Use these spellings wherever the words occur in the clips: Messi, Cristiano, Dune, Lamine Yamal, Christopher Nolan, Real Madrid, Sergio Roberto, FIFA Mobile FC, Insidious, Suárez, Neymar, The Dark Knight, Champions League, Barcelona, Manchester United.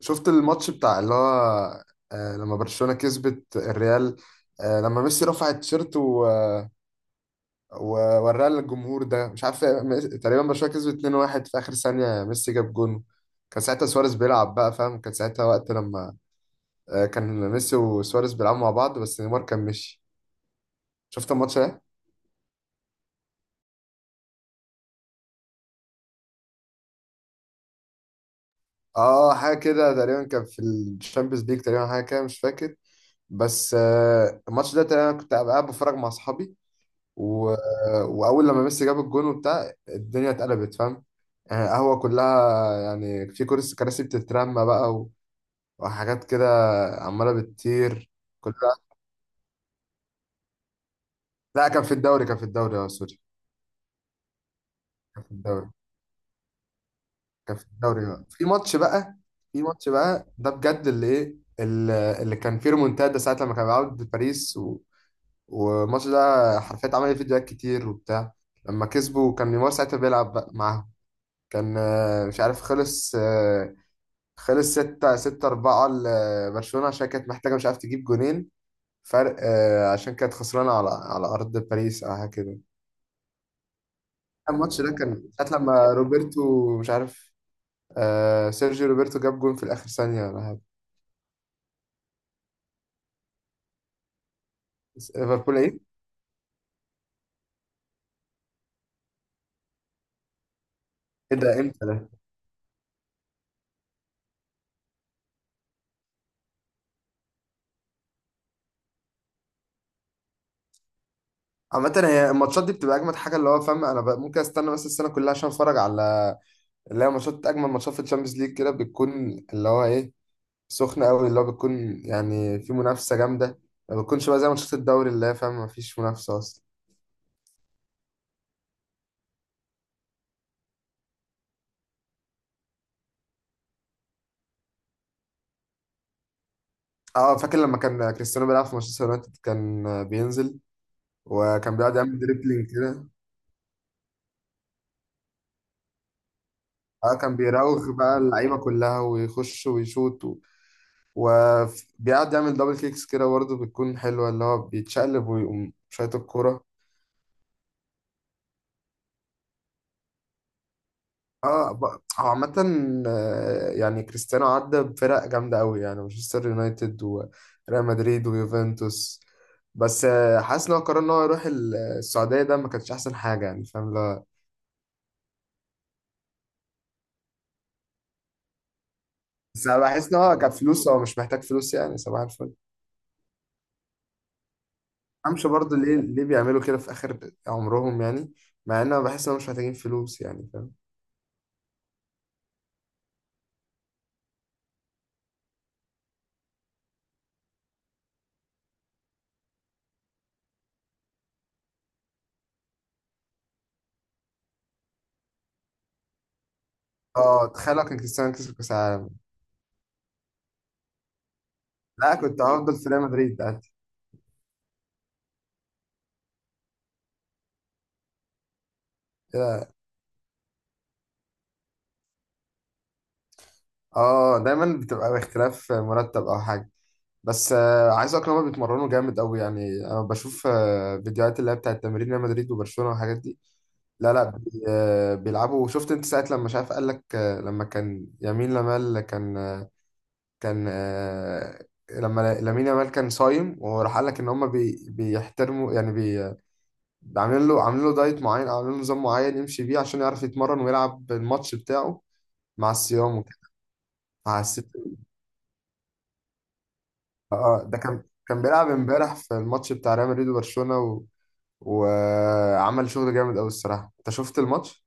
شفت الماتش بتاع اللي هو لما برشلونة كسبت الريال، لما ميسي رفع التيشيرت ووراه للجمهور، ده مش عارف، تقريبا برشلونة كسبت 2-1 في آخر ثانية، ميسي جاب جون. كان ساعتها سواريز بيلعب بقى فاهم، كان ساعتها وقت لما كان ميسي وسواريز بيلعبوا مع بعض، بس نيمار كان مشي. شفت الماتش ده؟ اه، حاجة كده تقريبا، كان في الشامبيونز ليج تقريبا، حاجة كده مش فاكر. بس الماتش ده تقريبا كنت قاعد بتفرج مع اصحابي، و... واول لما ميسي جاب الجون وبتاع، الدنيا اتقلبت فاهم. يعني قهوه كلها، يعني في كراسي بتترمى بقى، وحاجات كده، عماله بتطير كلها. لا، كان في الدوري، اه سوري، كان في الدوري كان في الدوري اه في ماتش بقى، ده بجد اللي ايه، اللي كان فيه ريمونتادا، ساعه لما كان بيلعب باريس والماتش ده حرفيا عمل فيديوهات كتير وبتاع، لما كسبوا كان نيمار ساعتها بيلعب بقى معاهم. كان مش عارف، خلص خلص ستة ستة أربعة لبرشلونة عشان كانت محتاجة مش عارف تجيب جونين فرق، عشان كانت خسرانة على أرض باريس أو حاجة كده. الماتش ده كان ساعة لما روبرتو مش عارف، آه سيرجيو روبرتو جاب جون في الآخر ثانية ولا حاجة. بس ليفربول إيه؟ إيه ده إمتى ده؟ عامة هي الماتشات دي بتبقى أجمد حاجة، اللي هو فاهم، أنا ممكن أستنى بس السنة كلها عشان أتفرج على اللي هي ماتشات، أجمل ماتشات في الشامبيونز ليج كده بتكون اللي هو إيه، سخنة قوي، اللي هو بتكون يعني في منافسة جامدة. ما بتكونش بقى زي ماتشات الدوري اللي هي فاهم ما فيش منافسة أصلا. اه، فاكر لما كان كريستيانو بيلعب في مانشستر يونايتد كان بينزل، وكان بيقعد يعمل دريبلينج كده. اه كان بيراوغ بقى اللعيبة كلها ويخش ويشوط، وبيقعد يعمل دبل كيكس كده برضه، بتكون حلوة اللي هو بيتشقلب ويقوم شايط الكورة. اه، هو عامة يعني كريستيانو عدى بفرق جامدة قوي، يعني مانشستر يونايتد وريال مدريد ويوفنتوس. بس حاسس ان هو قرر ان هو يروح السعودية، ده ما كانش احسن حاجة يعني فاهم، لا. بس انا بحس ان هو كفلوس هو مش محتاج فلوس، يعني صباح الفل. امشي برضه ليه، بيعملوا كده في اخر عمرهم يعني، مع ان انا بحس ان هم مش محتاجين فلوس يعني فاهم. اه، تخيل لو كان كريستيانو كسب كاس العالم. لا، كنت هفضل في ريال مدريد ده. اه، دايما بتبقى باختلاف مرتب او حاجة. بس عايز اقولك إن هما بيتمرنوا جامد قوي، يعني انا بشوف فيديوهات اللي هي بتاعت تمرين ريال مدريد وبرشلونة والحاجات دي. لا لا، بيلعبوا. شفت انت ساعة لما مش عارف، قال لك لما كان يمين لمال كان آه، كان آه، لما لامين يامال كان صايم، وراح قال لك ان هم بيحترموا يعني عاملين له، دايت معين او عاملين له نظام معين يمشي بيه عشان يعرف يتمرن ويلعب الماتش بتاعه مع الصيام وكده. فحسيت. اه، ده كان، بيلعب امبارح في الماتش بتاع ريال مدريد وبرشلونة، وعمل شغل جامد قوي الصراحه. انت شفت الماتش؟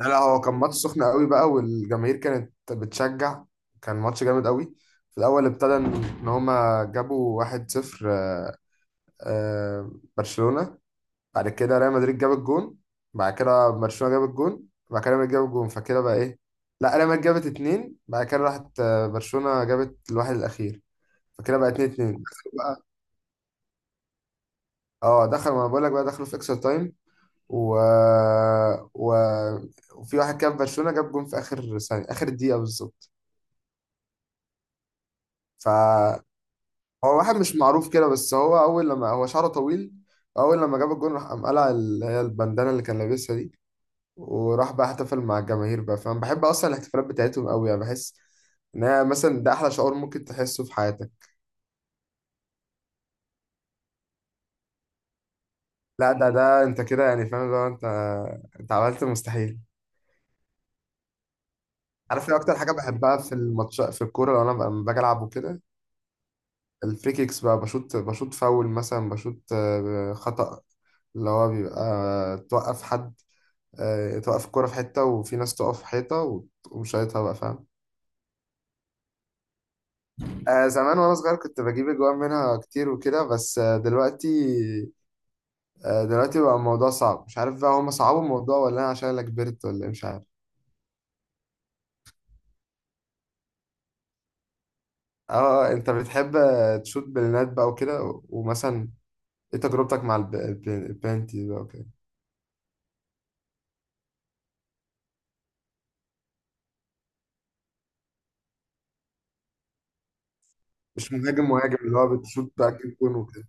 لا لا، هو كان ماتش سخن قوي بقى، والجماهير كانت بتشجع، كان ماتش جامد قوي. في الاول ابتدى ان، إن هما جابوا 1-0، آه، برشلونه، بعد كده ريال مدريد جاب الجون، بعد كده برشلونه جاب الجون، بعد كده ريال مدريد جاب الجون، فكده بقى ايه، لا ريال مدريد جابت اتنين، بعد كده راحت برشلونه جابت الواحد الاخير، فكده بقى 2-2. دخلوا بقى. اه دخلوا، ما انا بقول لك بقى دخلوا في اكسترا تايم، و... و... وفي واحد كان في برشلونة جاب جون في آخر ثانية، آخر دقيقة بالظبط فهو. واحد مش معروف كده بس هو، أول لما هو شعره طويل، أول لما جاب الجون راح قام قلع اللي هي البندانة اللي كان لابسها دي، وراح بقى احتفل مع الجماهير بقى. فأنا بحب أصلا الاحتفالات بتاعتهم أوي، يعني بحس إن هي مثلا ده أحلى شعور ممكن تحسه في حياتك. لا، ده أنت كده يعني فاهم، لو أنت، أنت عملت المستحيل. عارف ايه أكتر حاجة بحبها في الماتش في الكورة لو أنا لما باجي ألعب وكده؟ الفري كيكس بقى، بشوط فاول مثلا، بشوط خطأ، اللي هو بيبقى توقف حد، توقف الكرة في حتة، وفي ناس تقف في حيطة وتقوم شايطها بقى فاهم. زمان وأنا صغير كنت بجيب أجوان منها كتير وكده، بس دلوقتي، دلوقتي بقى الموضوع صعب، مش عارف بقى هما صعبوا الموضوع ولا أنا عشان أنا كبرت، ولا إيه، مش عارف. اه، انت بتحب تشوت بلينات بقى وكده، ومثلا ايه تجربتك مع البلانتي بقى وكده؟ مش مهاجم مهاجم اللي هو بتشوت بقى كل جون وكده؟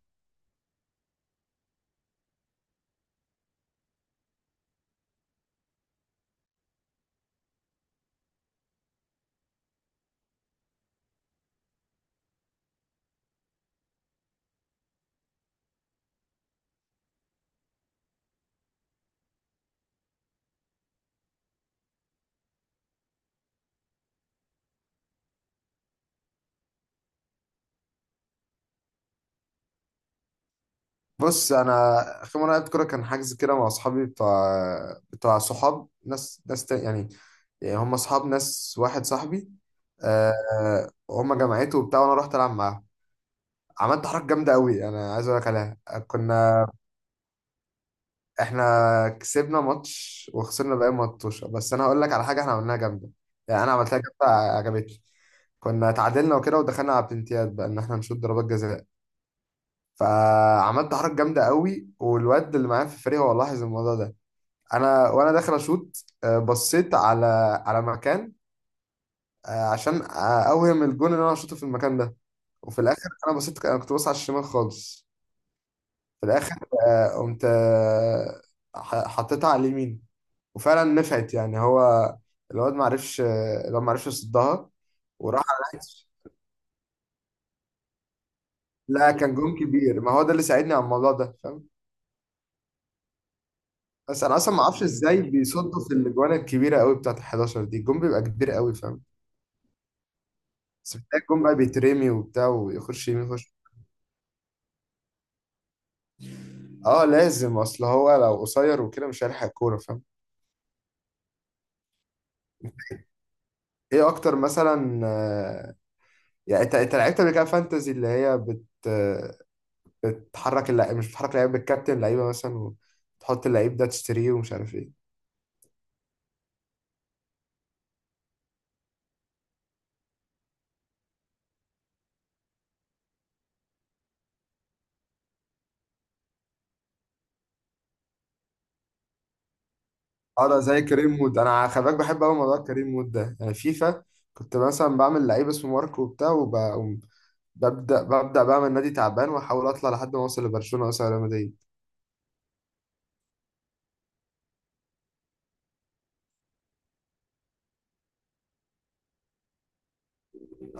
بص، انا اخر مره لعبت كوره كان حجز كده مع اصحابي بتوع، صحاب يعني، يعني هم اصحاب ناس، واحد صاحبي. أه، هم جماعته وبتاع، وانا رحت العب معاهم، عملت حركه جامده قوي انا عايز اقول لك عليها. كنا، احنا كسبنا ماتش وخسرنا باقي ماتش، بس انا هقول لك على حاجه احنا عملناها جامده، يعني انا عملتها جامده عجبتني. كنا اتعادلنا وكده، ودخلنا على بلنتيات بقى ان احنا نشوط ضربات جزاء، فعملت حركه جامده قوي، والواد اللي معايا في الفريق هو لاحظ الموضوع ده. انا وانا داخل اشوط، بصيت على مكان، عشان اوهم الجون ان انا اشوطه في المكان ده. وفي الاخر انا بصيت، انا كنت باصص على الشمال خالص. في الاخر قمت، حطيتها على اليمين، وفعلا نفعت. يعني هو الواد ما عرفش، يصدها، وراح على العكس. لا كان جون كبير، ما هو ده اللي ساعدني على الموضوع ده فاهم. بس انا اصلا ما اعرفش ازاي بيصدوا في الاجوان الكبيره قوي بتاعت ال 11 دي، الجون بيبقى كبير قوي فاهم. بس بتلاقي الجون بقى بيترمي وبتاع ويخش يمين يخش. اه، لازم، اصل هو لو قصير وكده مش هيلحق الكوره فاهم. ايه اكتر مثلا يعني انت، انت لعبت قبل كده فانتزي اللي هي بت آه، بتحرك اللعيب مش بتحرك اللعيب، بتكابتن لعيبه مثلا، وتحط اللعيب ده تشتريه ومش عارف ايه؟ اه، ده زي كريم وود، انا خلي بالك بحب قوي موضوع كريم وود ده، يعني فيفا. كنت مثلا بعمل لعيب اسمه ماركو وبتاع، وببدا، بعمل نادي تعبان واحاول اطلع لحد ما اوصل لبرشلونه مثلا ريال مدريد. اه،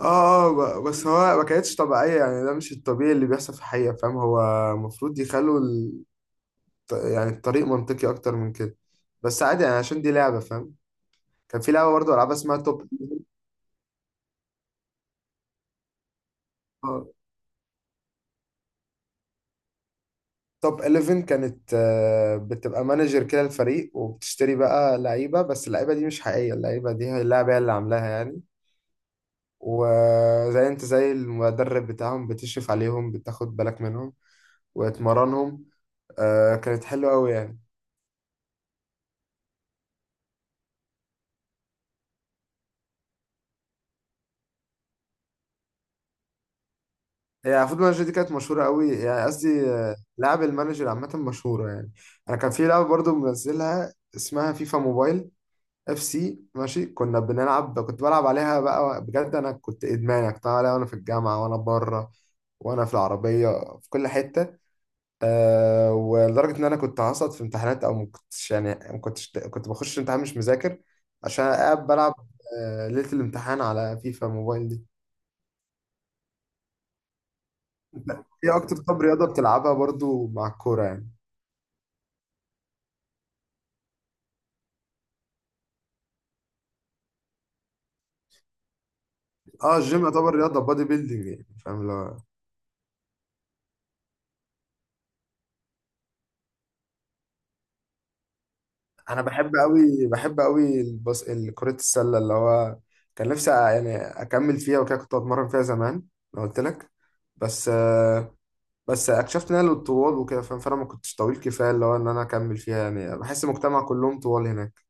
اه، بس هو ما كانتش طبيعية، يعني ده مش الطبيعي اللي بيحصل في الحقيقة فاهم. هو المفروض يخلوا يعني الطريق منطقي أكتر من كده. بس عادي يعني عشان دي لعبة فاهم. كان في لعبة برضه، ألعاب اسمها توب، آه، توب 11 كانت، بتبقى مانجر كده الفريق، وبتشتري بقى لعيبة بس اللعيبة دي مش حقيقية، اللعيبة دي هي اللعبة هي اللي عاملاها يعني. وزي انت زي المدرب بتاعهم، بتشرف عليهم، بتاخد بالك منهم وتمرنهم، كانت حلوة أوي يعني. هي فوتبول مانجر دي كانت مشهورة قوي، يعني قصدي لعب المانجر عامة مشهورة يعني. أنا كان في لعبة برضو منزلها اسمها فيفا موبايل، اف سي ماشي. كنا بنلعب، كنت بلعب عليها بقى بجد، أنا كنت إدمان يعني، كنت بلعب عليها وأنا في الجامعة وأنا بره وأنا في العربية، في كل حتة. أه، ولدرجة إن أنا كنت هسقط في امتحانات، أو ما كنتش يعني، ما كنتش، كنت بخش امتحان مش مذاكر عشان قاعد بلعب ليلة الامتحان على فيفا موبايل دي. إيه أكتر طب رياضة بتلعبها برضو مع الكورة يعني؟ اه الجيم يعتبر رياضه، بادي بيلدينج يعني فاهم اللي هو. انا بحب قوي، كره السله، اللي هو كان نفسي يعني اكمل فيها وكده، كنت بتمرن فيها زمان انا قلت لك. بس بس اكتشفت ان انا للطوال وكده فاهم، فانا ما كنتش طويل كفايه اللي هو ان انا اكمل فيها، يعني بحس المجتمع كلهم طوال هناك.